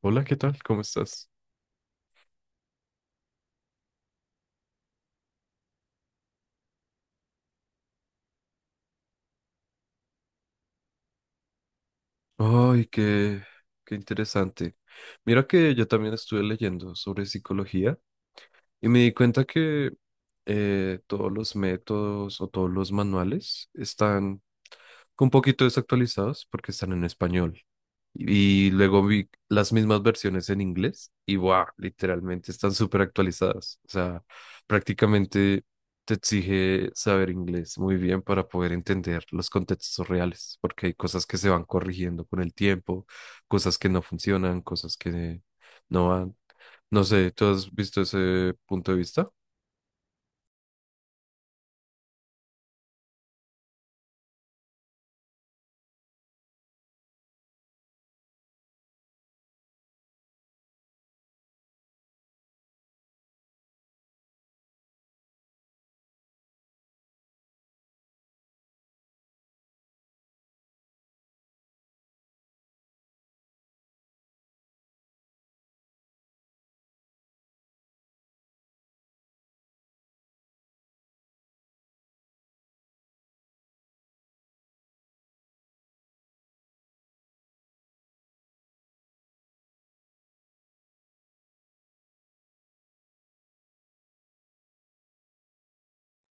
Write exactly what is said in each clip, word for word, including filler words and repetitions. Hola, ¿qué tal? ¿Cómo estás? Ay, qué, qué interesante. Mira que yo también estuve leyendo sobre psicología y me di cuenta que eh, todos los métodos o todos los manuales están un poquito desactualizados porque están en español. Y luego vi las mismas versiones en inglés y wow, literalmente están súper actualizadas. O sea, prácticamente te exige saber inglés muy bien para poder entender los contextos reales, porque hay cosas que se van corrigiendo con el tiempo, cosas que no funcionan, cosas que no van. No sé, ¿tú has visto ese punto de vista?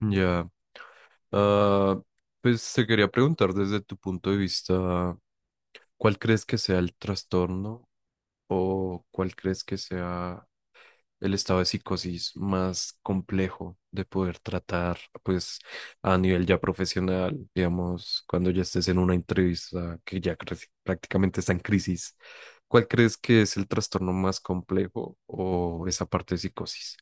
Ya. Ah, pues te quería preguntar desde tu punto de vista, ¿cuál crees que sea el trastorno? O cuál crees que sea el estado de psicosis más complejo de poder tratar, pues a nivel ya profesional, digamos, ¿cuando ya estés en una entrevista que ya cre- prácticamente está en crisis? ¿Cuál crees que es el trastorno más complejo o esa parte de psicosis?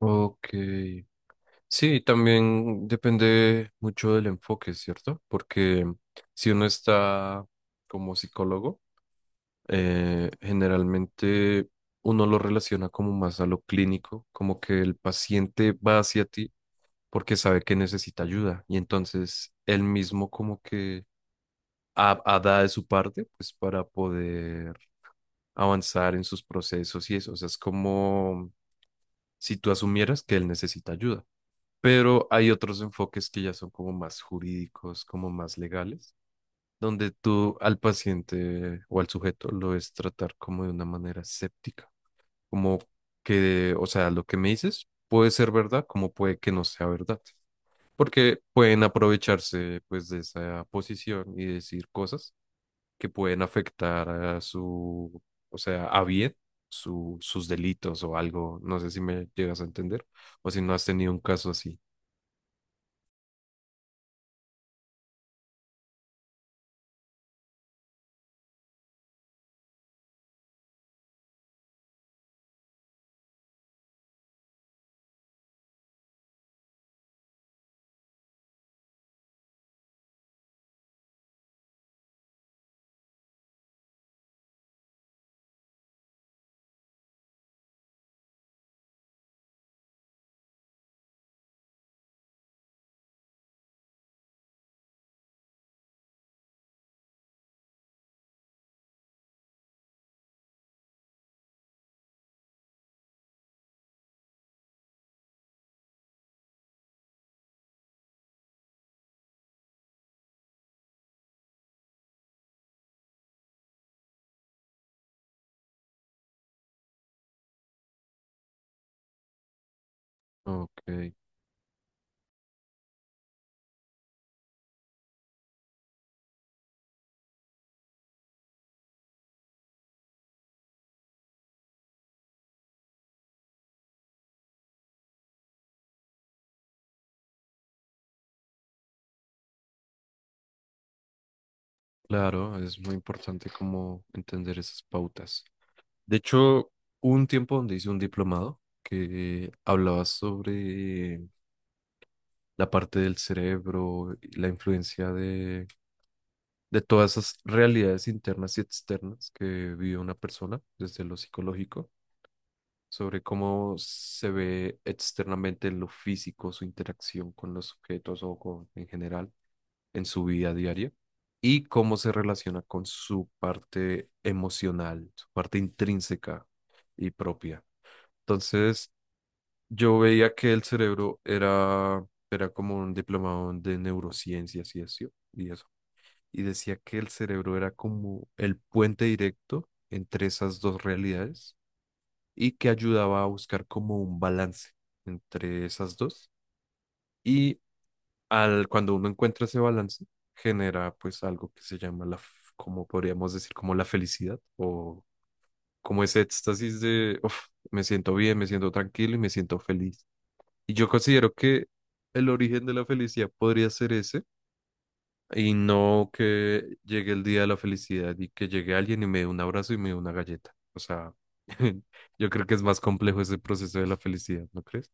Ok. Sí, también depende mucho del enfoque, ¿cierto? Porque si uno está como psicólogo, eh, generalmente uno lo relaciona como más a lo clínico, como que el paciente va hacia ti porque sabe que necesita ayuda y entonces él mismo como que ha- ha da de su parte pues para poder avanzar en sus procesos y eso, o sea, es como si tú asumieras que él necesita ayuda. Pero hay otros enfoques que ya son como más jurídicos, como más legales, donde tú al paciente o al sujeto lo es tratar como de una manera escéptica como que, o sea, lo que me dices puede ser verdad, como puede que no sea verdad, porque pueden aprovecharse pues de esa posición y decir cosas que pueden afectar a su, o sea, a bien su, sus delitos o algo, no sé si me llegas a entender o si no has tenido un caso así. Ok, claro, es muy importante como entender esas pautas. De hecho, hubo un tiempo donde hice un diplomado que hablaba sobre la parte del cerebro, y la influencia de, de todas esas realidades internas y externas que vive una persona desde lo psicológico, sobre cómo se ve externamente en lo físico, su interacción con los objetos o con, en general en su vida diaria y cómo se relaciona con su parte emocional, su parte intrínseca y propia. Entonces, yo veía que el cerebro era, era como un diplomado de neurociencias y eso, y eso. Y decía que el cerebro era como el puente directo entre esas dos realidades y que ayudaba a buscar como un balance entre esas dos. Y al, cuando uno encuentra ese balance, genera pues algo que se llama la, f- como podríamos decir, como la felicidad o como ese éxtasis de, "Uf, me siento bien, me siento tranquilo y me siento feliz". Y yo considero que el origen de la felicidad podría ser ese, y no que llegue el día de la felicidad y que llegue alguien y me dé un abrazo y me dé una galleta. O sea, yo creo que es más complejo ese proceso de la felicidad, ¿no crees?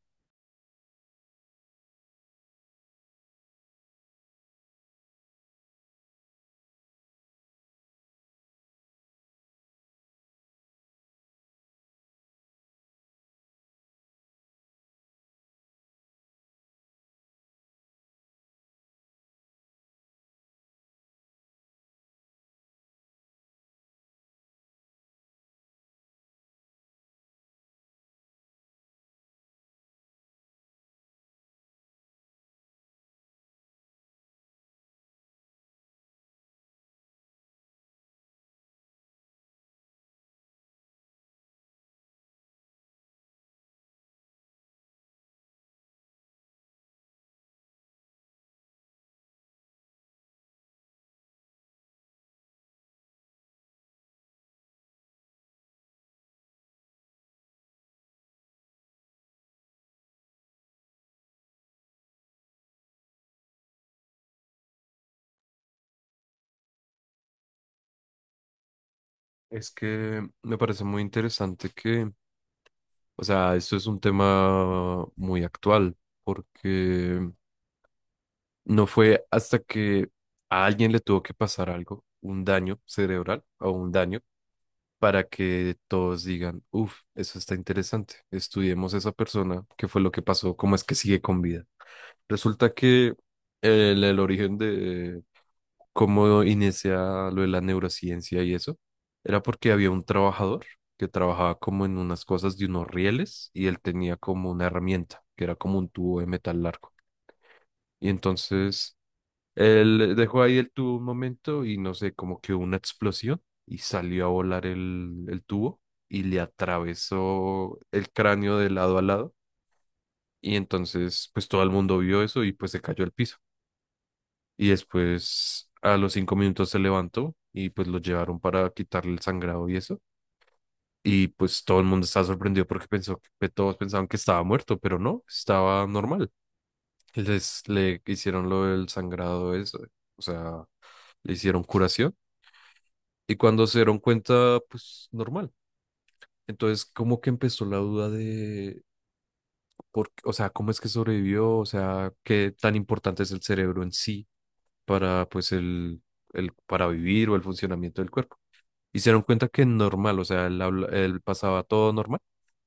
Es que me parece muy interesante que, o sea, esto es un tema muy actual, porque no fue hasta que a alguien le tuvo que pasar algo, un daño cerebral o un daño para que todos digan, uff, eso está interesante, estudiemos a esa persona, qué fue lo que pasó, cómo es que sigue con vida. Resulta que eh, el, el origen de cómo inicia lo de la neurociencia y eso, era porque había un trabajador que trabajaba como en unas cosas de unos rieles y él tenía como una herramienta, que era como un tubo de metal largo. Y entonces él dejó ahí el tubo un momento y no sé, como que hubo una explosión y salió a volar el, el tubo y le atravesó el cráneo de lado a lado. Y entonces, pues todo el mundo vio eso y pues se cayó al piso. Y después, a los cinco minutos se levantó y pues lo llevaron para quitarle el sangrado y eso. Y pues todo el mundo estaba sorprendido porque pensó que pues, todos pensaban que estaba muerto, pero no, estaba normal. Les le hicieron lo del sangrado, eso, o sea, le hicieron curación. Y cuando se dieron cuenta, pues normal. Entonces, como que empezó la duda de, por, qué- o sea, cómo es que sobrevivió, o sea, qué tan importante es el cerebro en sí para, pues, el, el, para vivir o el funcionamiento del cuerpo. Y se dieron cuenta que normal, o sea, él, habla- él pasaba todo normal,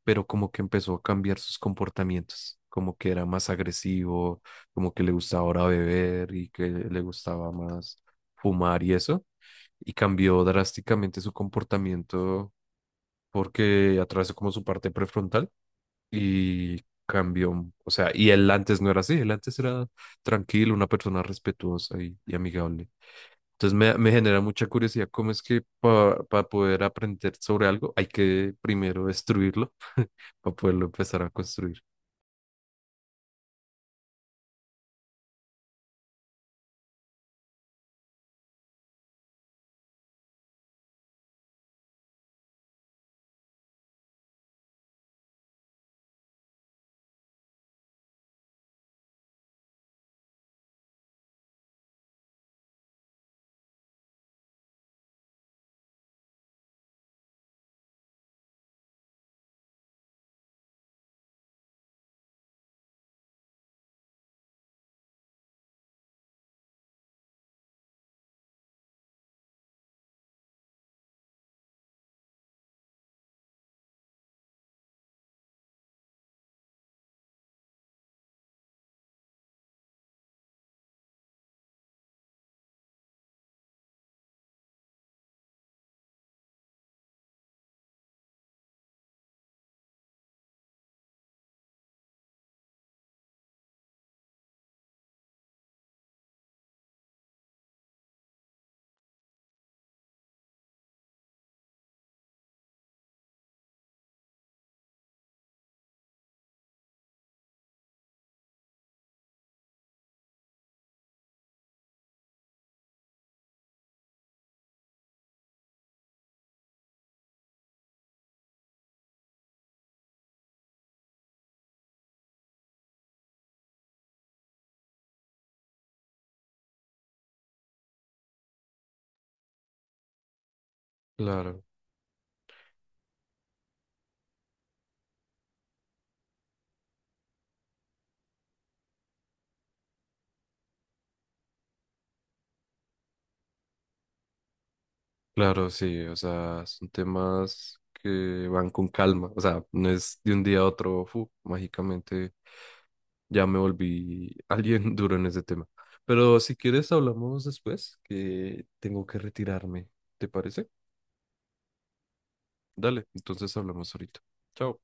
pero como que empezó a cambiar sus comportamientos, como que era más agresivo, como que le gustaba ahora beber y que le gustaba más fumar y eso y cambió drásticamente su comportamiento porque atravesó como su parte prefrontal y cambió, o sea, y él antes no era así, él antes era tranquilo, una persona respetuosa y, y amigable. Entonces me, me genera mucha curiosidad cómo es que para poder aprender sobre algo hay que primero destruirlo para poderlo empezar a construir. Claro, claro, sí, o sea, son temas que van con calma, o sea, no es de un día a otro, fu, mágicamente ya me volví alguien duro en ese tema. Pero si quieres, hablamos después, que tengo que retirarme. ¿Te parece? Dale, entonces hablamos ahorita. Chao.